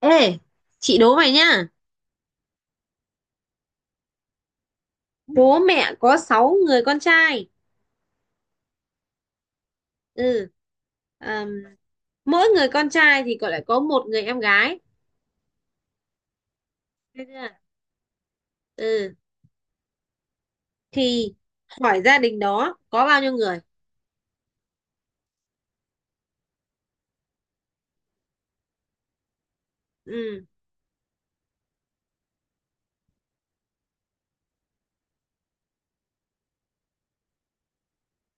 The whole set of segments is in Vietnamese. Ê, chị đố mày nhá. Bố mẹ có 6 người con trai. Ừ. Ờm, Mỗi người con trai thì còn lại có một người em gái. Được chưa? Ừ. Thì hỏi gia đình đó có bao nhiêu người? Ừ.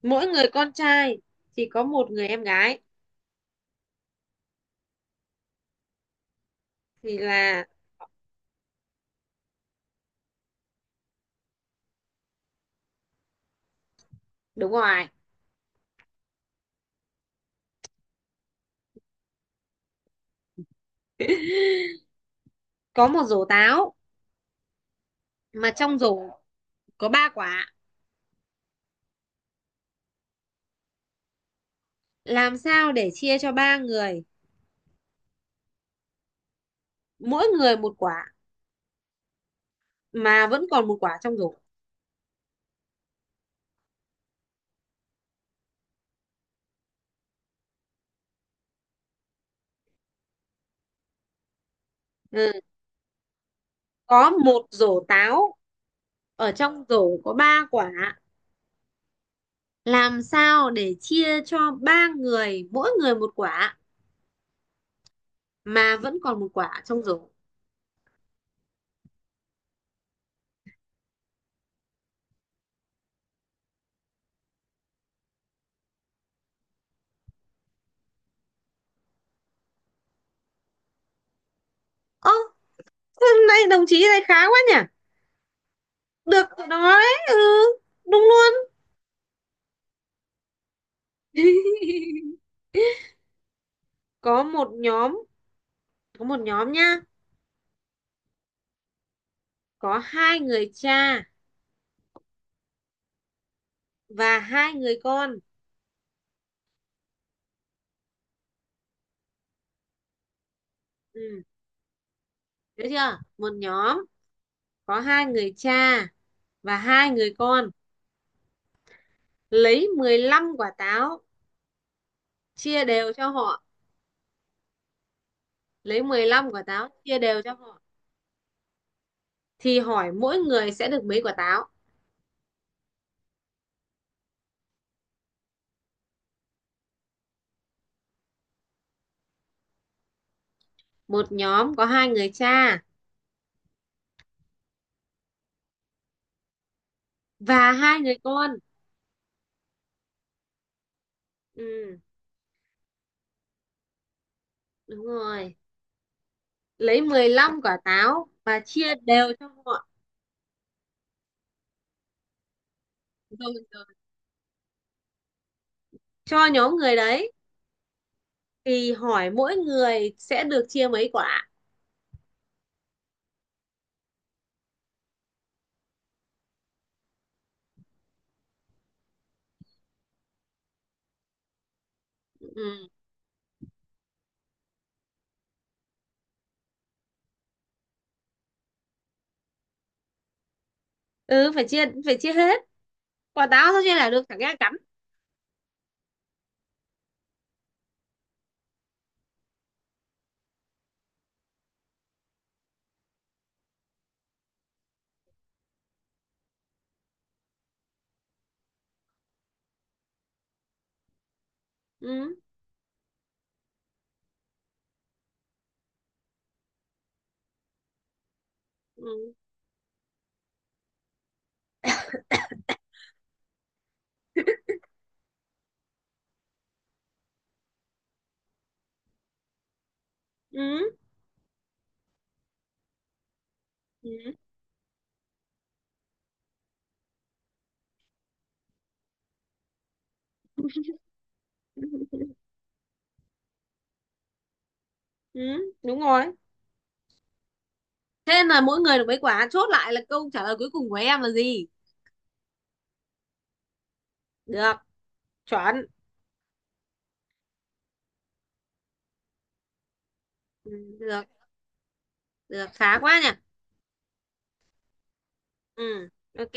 Mỗi người con trai chỉ có một người em gái. Thì là đúng rồi. Có một rổ táo mà trong rổ có ba quả. Làm sao để chia cho ba người mỗi người một quả mà vẫn còn một quả trong rổ? Ừ. Có một rổ táo, ở trong rổ có ba quả, làm sao để chia cho ba người mỗi người một quả mà vẫn còn một quả trong rổ? Ơ, hôm nay đồng chí này khá quá nhỉ. Được đó. Đấy, ừ, đúng luôn. có một nhóm có một nhóm nhá. Có hai người cha và hai người con. Ừ. Được chưa? Một nhóm có hai người cha và hai người con, lấy 15 quả táo chia đều cho họ lấy 15 quả táo chia đều cho họ, thì hỏi mỗi người sẽ được mấy quả táo? Một nhóm có hai người cha và hai người con. Ừ, đúng rồi. Lấy 15 quả táo và chia đều cho họ. Rồi, rồi. Cho nhóm người đấy, thì hỏi mỗi người sẽ được chia mấy quả? Ừ, ừ, phải chia hết. Quả táo sao chia là được chẳng nghe cắn. Ừ. Ừ. Ừ. Ừ. Ừ. Ừ, đúng rồi. Thế là mỗi người được mấy quả, chốt lại là câu trả lời cuối cùng của em là gì? Được, chuẩn. Ừ. Được, được, khá quá nhỉ. Ừ, ok.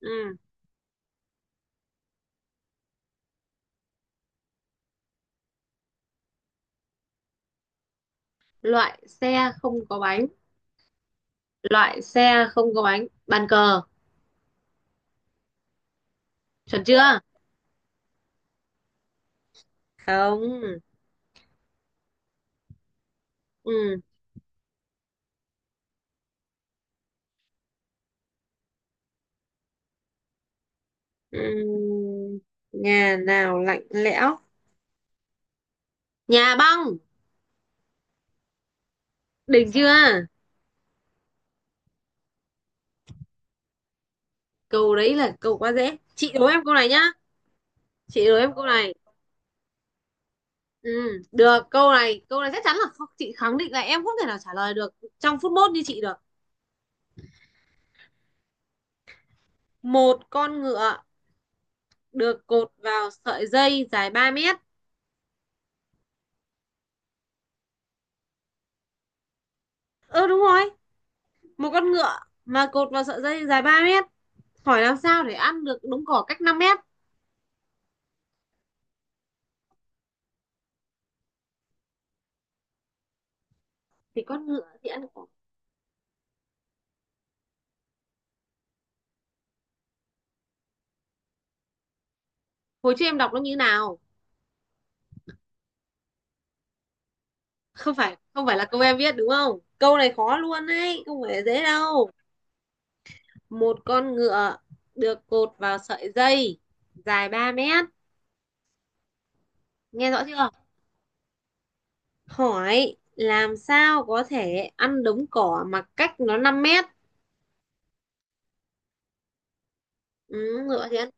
Ừ. Loại xe không có bánh. Loại xe không có bánh. Bàn cờ, chuẩn chưa? Không. Ừ. Ừ. Nhà nào lạnh lẽo? Nhà băng. Đỉnh chưa? Câu đấy là câu quá dễ. Chị đố em câu này nhá. Chị đố em câu này. Ừ, được, câu này chắc chắn là không, chị khẳng định là em không thể nào trả lời được trong phút mốt như chị được. Một con ngựa được cột vào sợi dây dài 3 mét. Ơ, ừ, đúng rồi. Một con ngựa mà cột vào sợi dây dài 3 mét, hỏi làm sao để ăn được đống cỏ cách 5 mét. Thì con ngựa thì ăn cỏ. Hồi trước em đọc nó như nào? Không phải là câu em viết đúng không? Câu này khó luôn đấy, không phải dễ đâu. Một con ngựa được cột vào sợi dây dài 3 mét, nghe rõ chưa? Hỏi làm sao có thể ăn đống cỏ mà cách nó 5 mét. Ừ, ngựa thì ăn,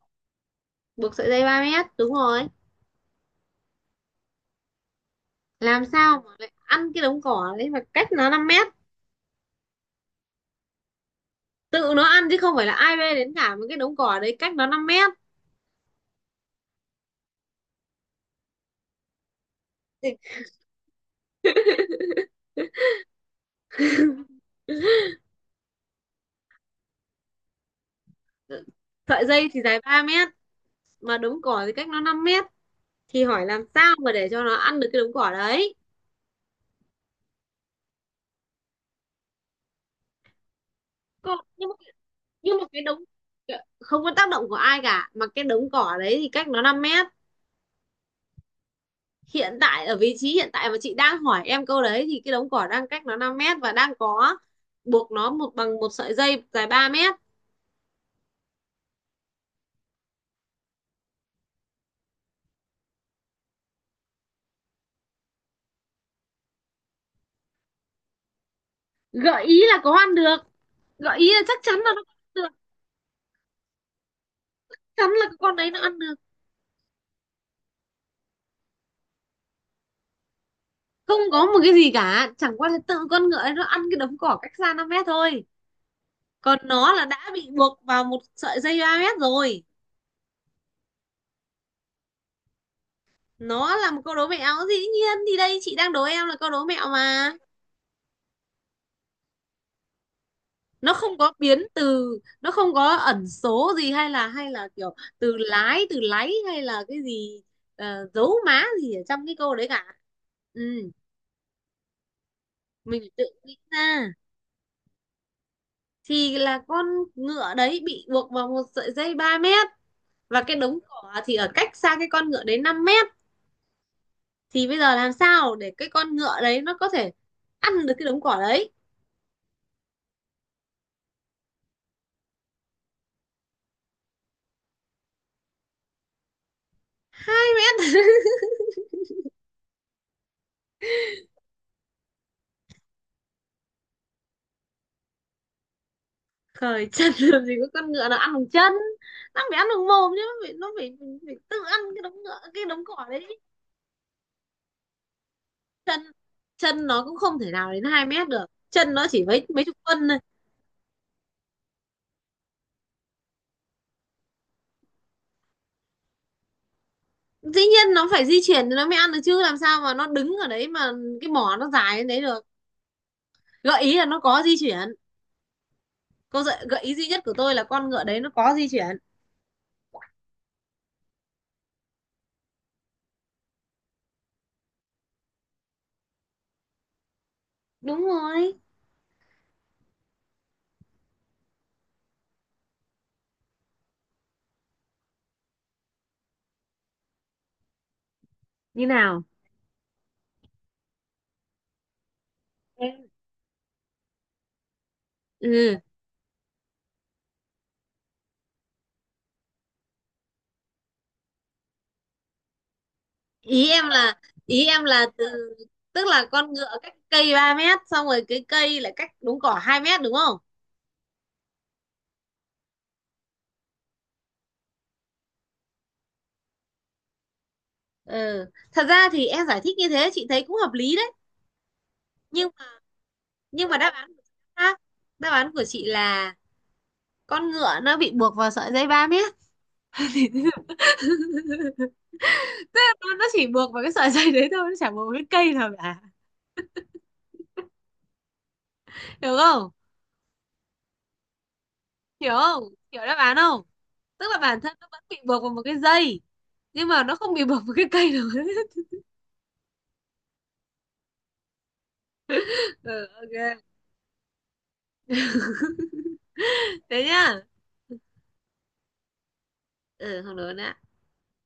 buộc sợi dây 3 mét, đúng rồi. Làm sao mà lại ăn cái đống cỏ đấy mà cách nó 5 mét? Tự nó ăn chứ không phải là ai bê đến cả, một cái đống cỏ đấy cách nó năm mét. Thì ờ, sợi dây thì dài 3 mét mà đống cỏ thì cách nó 5 mét, thì hỏi làm sao mà để cho nó ăn được cái đống cỏ đấy. Còn, nhưng mà không có tác động của ai cả, mà cái đống cỏ đấy thì cách nó 5 mét. Hiện tại ở vị trí hiện tại mà chị đang hỏi em câu đấy thì cái đống cỏ đang cách nó 5 mét và đang có buộc nó một bằng một sợi dây dài 3 mét. Gợi ý là có ăn được. Gợi ý là chắc chắn là nó ăn được. Chắn là cái con đấy nó ăn được. Không có một cái gì cả, chẳng qua là tự con ngựa ấy nó ăn cái đống cỏ cách xa 5 mét thôi. Còn nó là đã bị buộc vào một sợi dây ba mét rồi. Nó là một câu đố mẹo, dĩ nhiên, thì đây chị đang đố em là câu đố mẹo mà. Nó không có biến từ, nó không có ẩn số gì hay là kiểu từ lái từ láy hay là cái gì, dấu má gì ở trong cái câu đấy cả. Ừ. Mình phải tự nghĩ ra thì là con ngựa đấy bị buộc vào một sợi dây 3 mét, và cái đống cỏ thì ở cách xa cái con ngựa đấy 5 mét, thì bây giờ làm sao để cái con ngựa đấy nó có thể ăn được cái đống cỏ đấy? Hai mét. Khởi chân làm gì có con ngựa nào ăn bằng chân, nó phải ăn bằng mồm chứ, phải tự ăn cái đống ngựa cái đống cỏ đấy. Chân chân nó cũng không thể nào đến hai mét được, chân nó chỉ mấy mấy chục phân thôi. Dĩ nhiên nó phải di chuyển thì nó mới ăn được chứ, làm sao mà nó đứng ở đấy mà cái mỏ nó dài đến đấy được. Gợi ý là nó có di chuyển. Câu gợi ý duy nhất của tôi là con ngựa đấy nó có di chuyển. Đúng rồi. Như nào? Em- ừ, ý em là ý em là từ, tức là con ngựa cách cây 3 mét xong rồi cái cây lại cách đống cỏ 2 mét đúng không? Ừ, thật ra thì em giải thích như thế chị thấy cũng hợp lý đấy. Nhưng mà, nhưng mà đáp án của chị khác. Đáp án của chị là con ngựa nó bị buộc vào sợi dây 3 mét. Thì nó chỉ buộc vào cái sợi dây đấy thôi, nó chả buộc vào cái cây nào cả, hiểu không? Hiểu không? Hiểu đáp án không? Tức là bản thân nó vẫn bị buộc vào một cái dây, nhưng mà nó không bị buộc vào cái cây được. Ừ, ok. Thế nhá. Ừ, không đúng nữa.